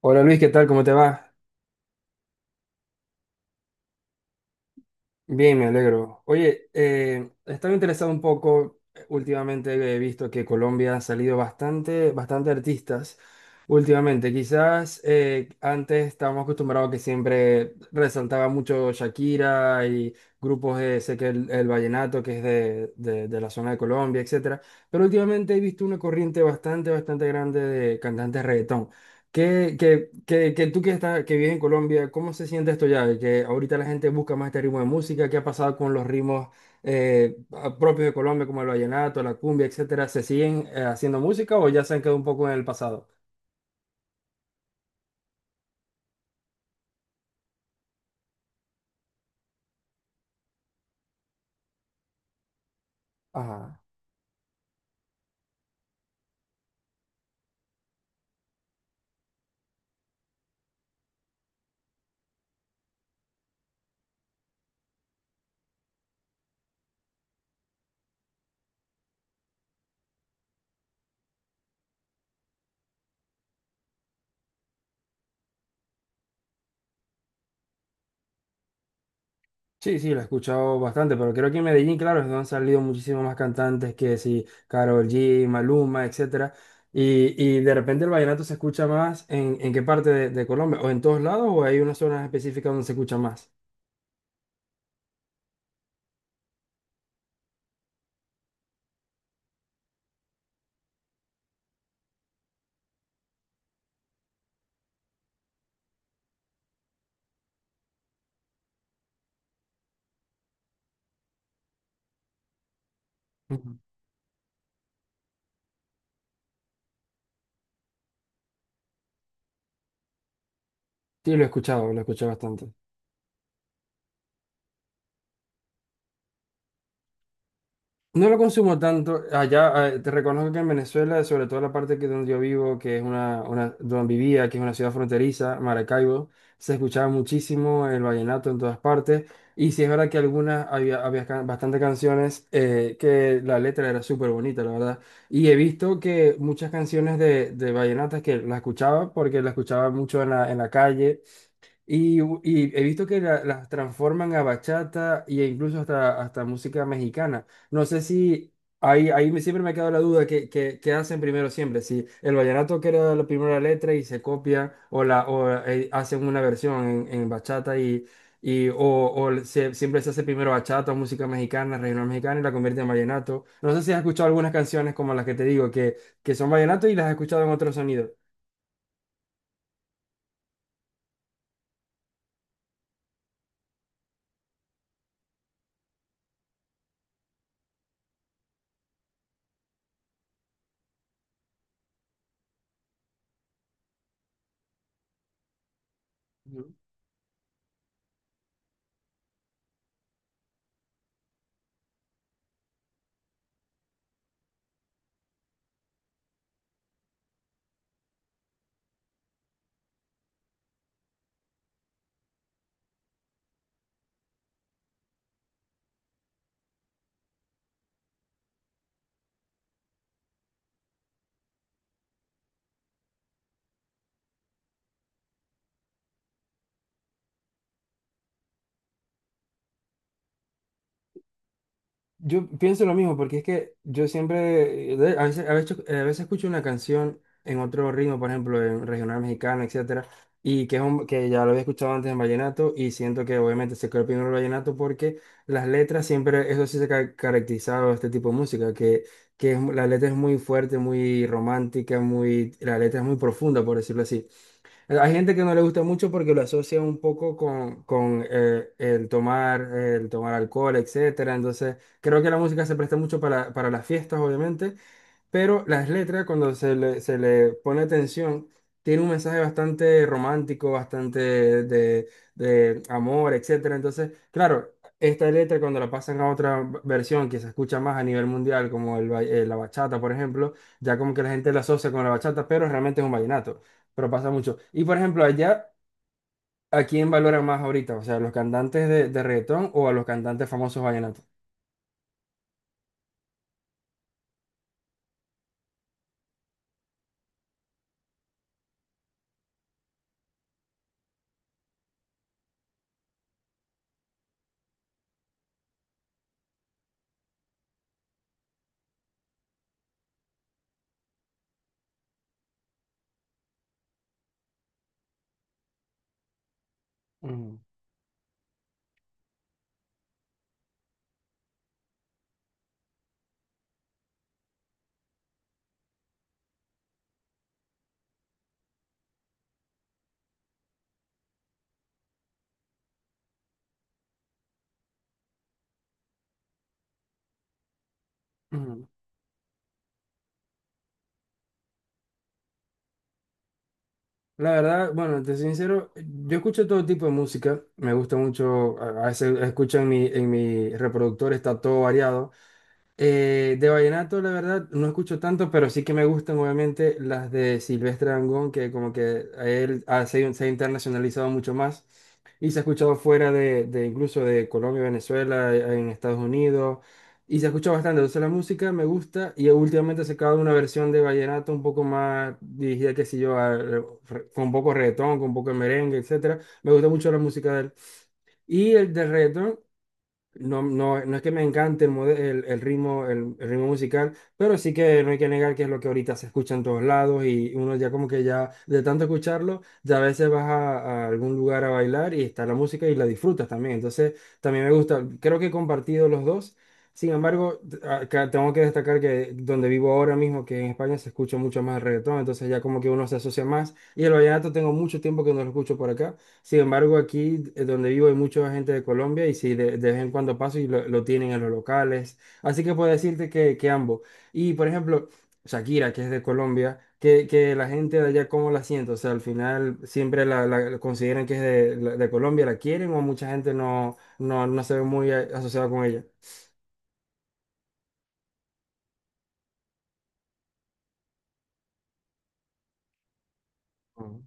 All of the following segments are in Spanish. Hola Luis, ¿qué tal? ¿Cómo te va? Bien, me alegro. Oye, estaba interesado un poco, últimamente he visto que Colombia ha salido bastante artistas últimamente. Quizás antes estábamos acostumbrados que siempre resaltaba mucho Shakira y grupos de, sé que el vallenato que es de la zona de Colombia, etcétera. Pero últimamente he visto una corriente bastante grande de cantantes reggaetón. Que tú que vives en Colombia, ¿cómo se siente esto ya? De que ahorita la gente busca más este ritmo de música, ¿qué ha pasado con los ritmos propios de Colombia, como el vallenato, la cumbia, etcétera? ¿Se siguen haciendo música o ya se han quedado un poco en el pasado? Ajá. Sí, sí, lo he escuchado bastante, pero creo que en Medellín, claro, es donde han salido muchísimos más cantantes que sí, Karol G, Maluma, etcétera. Y de repente el vallenato se escucha más en qué parte de Colombia, o en todos lados, o hay unas zonas específicas donde se escucha más. Sí, lo he escuchado, lo escuché bastante. No lo consumo tanto. Allá, te reconozco que en Venezuela, sobre todo la parte que donde yo vivo, que es donde vivía, que es una ciudad fronteriza, Maracaibo, se escuchaba muchísimo el vallenato en todas partes. Y sí es verdad que algunas, había bastante canciones que la letra era súper bonita, la verdad. Y he visto que muchas canciones de vallenatas que las escuchaba, porque las escuchaba mucho en en la calle. Y he visto que las transforman a bachata e incluso hasta música mexicana. No sé si ahí siempre me ha quedado la duda que hacen primero siempre. Si el vallenato queda la primera letra y se copia o hacen una versión en bachata y, siempre se hace primero bachata o música mexicana, regional mexicana y la convierte en vallenato. No sé si has escuchado algunas canciones como las que te digo que son vallenato y las has escuchado en otros sonidos. Yo pienso lo mismo, porque es que yo siempre, a a veces escucho una canción en otro ritmo, por ejemplo, en regional mexicano, etcétera, y que es que ya lo había escuchado antes en vallenato, y siento que obviamente se quedó primero el vallenato porque las letras siempre, eso sí se ha caracterizado a este tipo de música, que es la letra es muy fuerte, muy romántica, muy, la letra es muy profunda, por decirlo así. Hay gente que no le gusta mucho porque lo asocia un poco con el tomar alcohol, etcétera. Entonces, creo que la música se presta mucho para las fiestas, obviamente, pero las letras, cuando se le pone atención, tiene un mensaje bastante romántico, bastante de, de amor, etcétera. Entonces, claro, esta letra cuando la pasan a otra versión que se escucha más a nivel mundial, como la bachata, por ejemplo, ya como que la gente la asocia con la bachata, pero realmente es un vallenato, pero pasa mucho. Y por ejemplo, allá, ¿a quién valoran más ahorita? O sea, ¿a los cantantes de reggaetón o a los cantantes famosos vallenatos? Mm. La verdad, bueno, te soy sincero, yo escucho todo tipo de música, me gusta mucho, a veces escucho en en mi reproductor, está todo variado. De vallenato, la verdad, no escucho tanto, pero sí que me gustan obviamente las de Silvestre Dangond, que como que a él se ha internacionalizado mucho más. Y se ha escuchado fuera de incluso de Colombia, Venezuela, en Estados Unidos. Y se escucha bastante. Entonces la música me gusta y últimamente se acaba una versión de vallenato un poco más dirigida, qué sé yo, con un poco de reggaetón, con un poco de merengue, etcétera. Me gusta mucho la música de él. Y el de reggaetón. No, no es que me encante el ritmo, el ritmo musical, pero sí que no hay que negar que es lo que ahorita se escucha en todos lados y uno ya como que ya de tanto escucharlo, ya a veces vas a algún lugar a bailar y está la música y la disfrutas también. Entonces, también me gusta, creo que he compartido los dos. Sin embargo, acá tengo que destacar que donde vivo ahora mismo, que en España se escucha mucho más el reggaetón, entonces ya como que uno se asocia más. Y el vallenato tengo mucho tiempo que no lo escucho por acá. Sin embargo, aquí donde vivo hay mucha gente de Colombia y sí, de vez en cuando paso y lo tienen en los locales. Así que puedo decirte que ambos. Y por ejemplo, Shakira, que es de Colombia, que la gente de allá, ¿cómo la siente? O sea, al final siempre la consideran que es de Colombia, ¿la quieren o mucha gente no se ve muy asociada con ella? Ujú.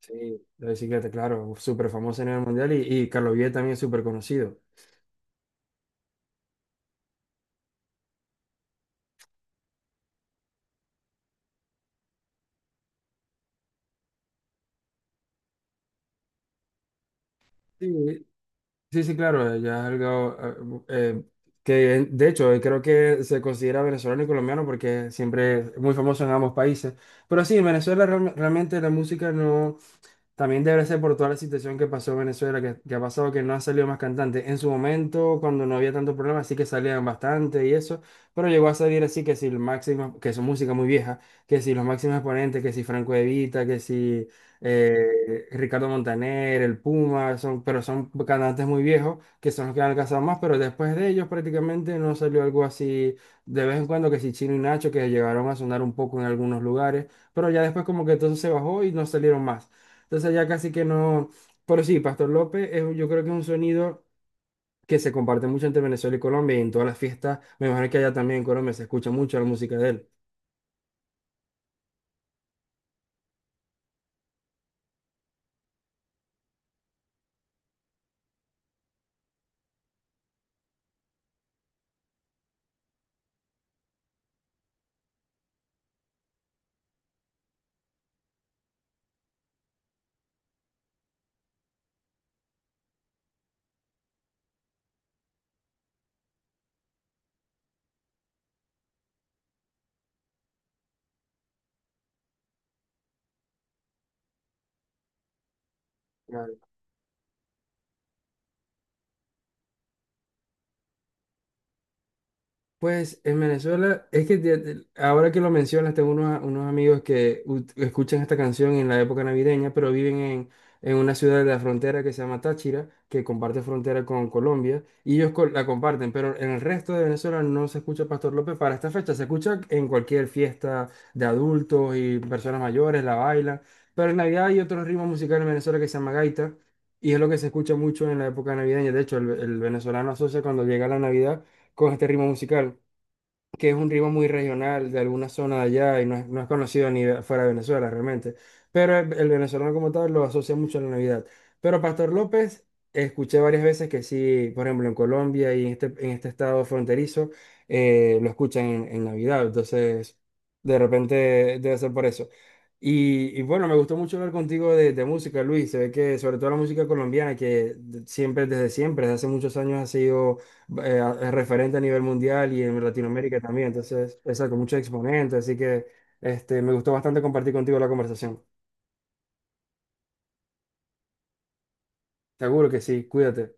Sí, la bicicleta, claro, súper famosa a nivel mundial y Carlos Vives también es súper conocido. Sí, sí, sí, claro, ya es algo eh, eh, que de hecho creo que se considera venezolano y colombiano porque siempre es muy famoso en ambos países. Pero sí, en Venezuela realmente la música no, también debe ser por toda la situación que pasó en Venezuela, que ha pasado que no han salido más cantantes. En su momento, cuando no había tanto problema, sí que salían bastante y eso, pero llegó a salir así que si el máximo, que es música muy vieja, que si los máximos exponentes, que si Franco Evita, que si Ricardo Montaner, el Puma, son, pero son cantantes muy viejos, que son los que han alcanzado más, pero después de ellos prácticamente no salió algo así de vez en cuando, que si Chino y Nacho, que llegaron a sonar un poco en algunos lugares, pero ya después como que todo se bajó y no salieron más. Entonces ya casi que no. Pero sí, Pastor López, es, yo creo que es un sonido que se comparte mucho entre Venezuela y Colombia y en todas las fiestas. Me imagino que allá también en Colombia se escucha mucho la música de él. Pues en Venezuela, es que ahora que lo mencionas, tengo unos amigos que escuchan esta canción en la época navideña, pero viven en una ciudad de la frontera que se llama Táchira, que comparte frontera con Colombia, y ellos la comparten, pero en el resto de Venezuela no se escucha Pastor López para esta fecha, se escucha en cualquier fiesta de adultos y personas mayores, la bailan, pero en Navidad hay otro ritmo musical en Venezuela que se llama gaita, y es lo que se escucha mucho en la época navideña, de hecho el venezolano asocia cuando llega la Navidad con este ritmo musical, que es un ritmo muy regional de alguna zona de allá y no es, no es conocido ni fuera de Venezuela realmente. Pero el venezolano como tal lo asocia mucho a la Navidad. Pero Pastor López, escuché varias veces que sí, por ejemplo, en Colombia y en este estado fronterizo, lo escuchan en Navidad. Entonces, de repente debe ser por eso. Y bueno, me gustó mucho hablar contigo de música, Luis. Se ve que sobre todo la música colombiana, que siempre, desde hace muchos años ha sido es referente a nivel mundial y en Latinoamérica también. Entonces, esa con muchos exponentes. Así que este, me gustó bastante compartir contigo la conversación. Seguro que sí, cuídate.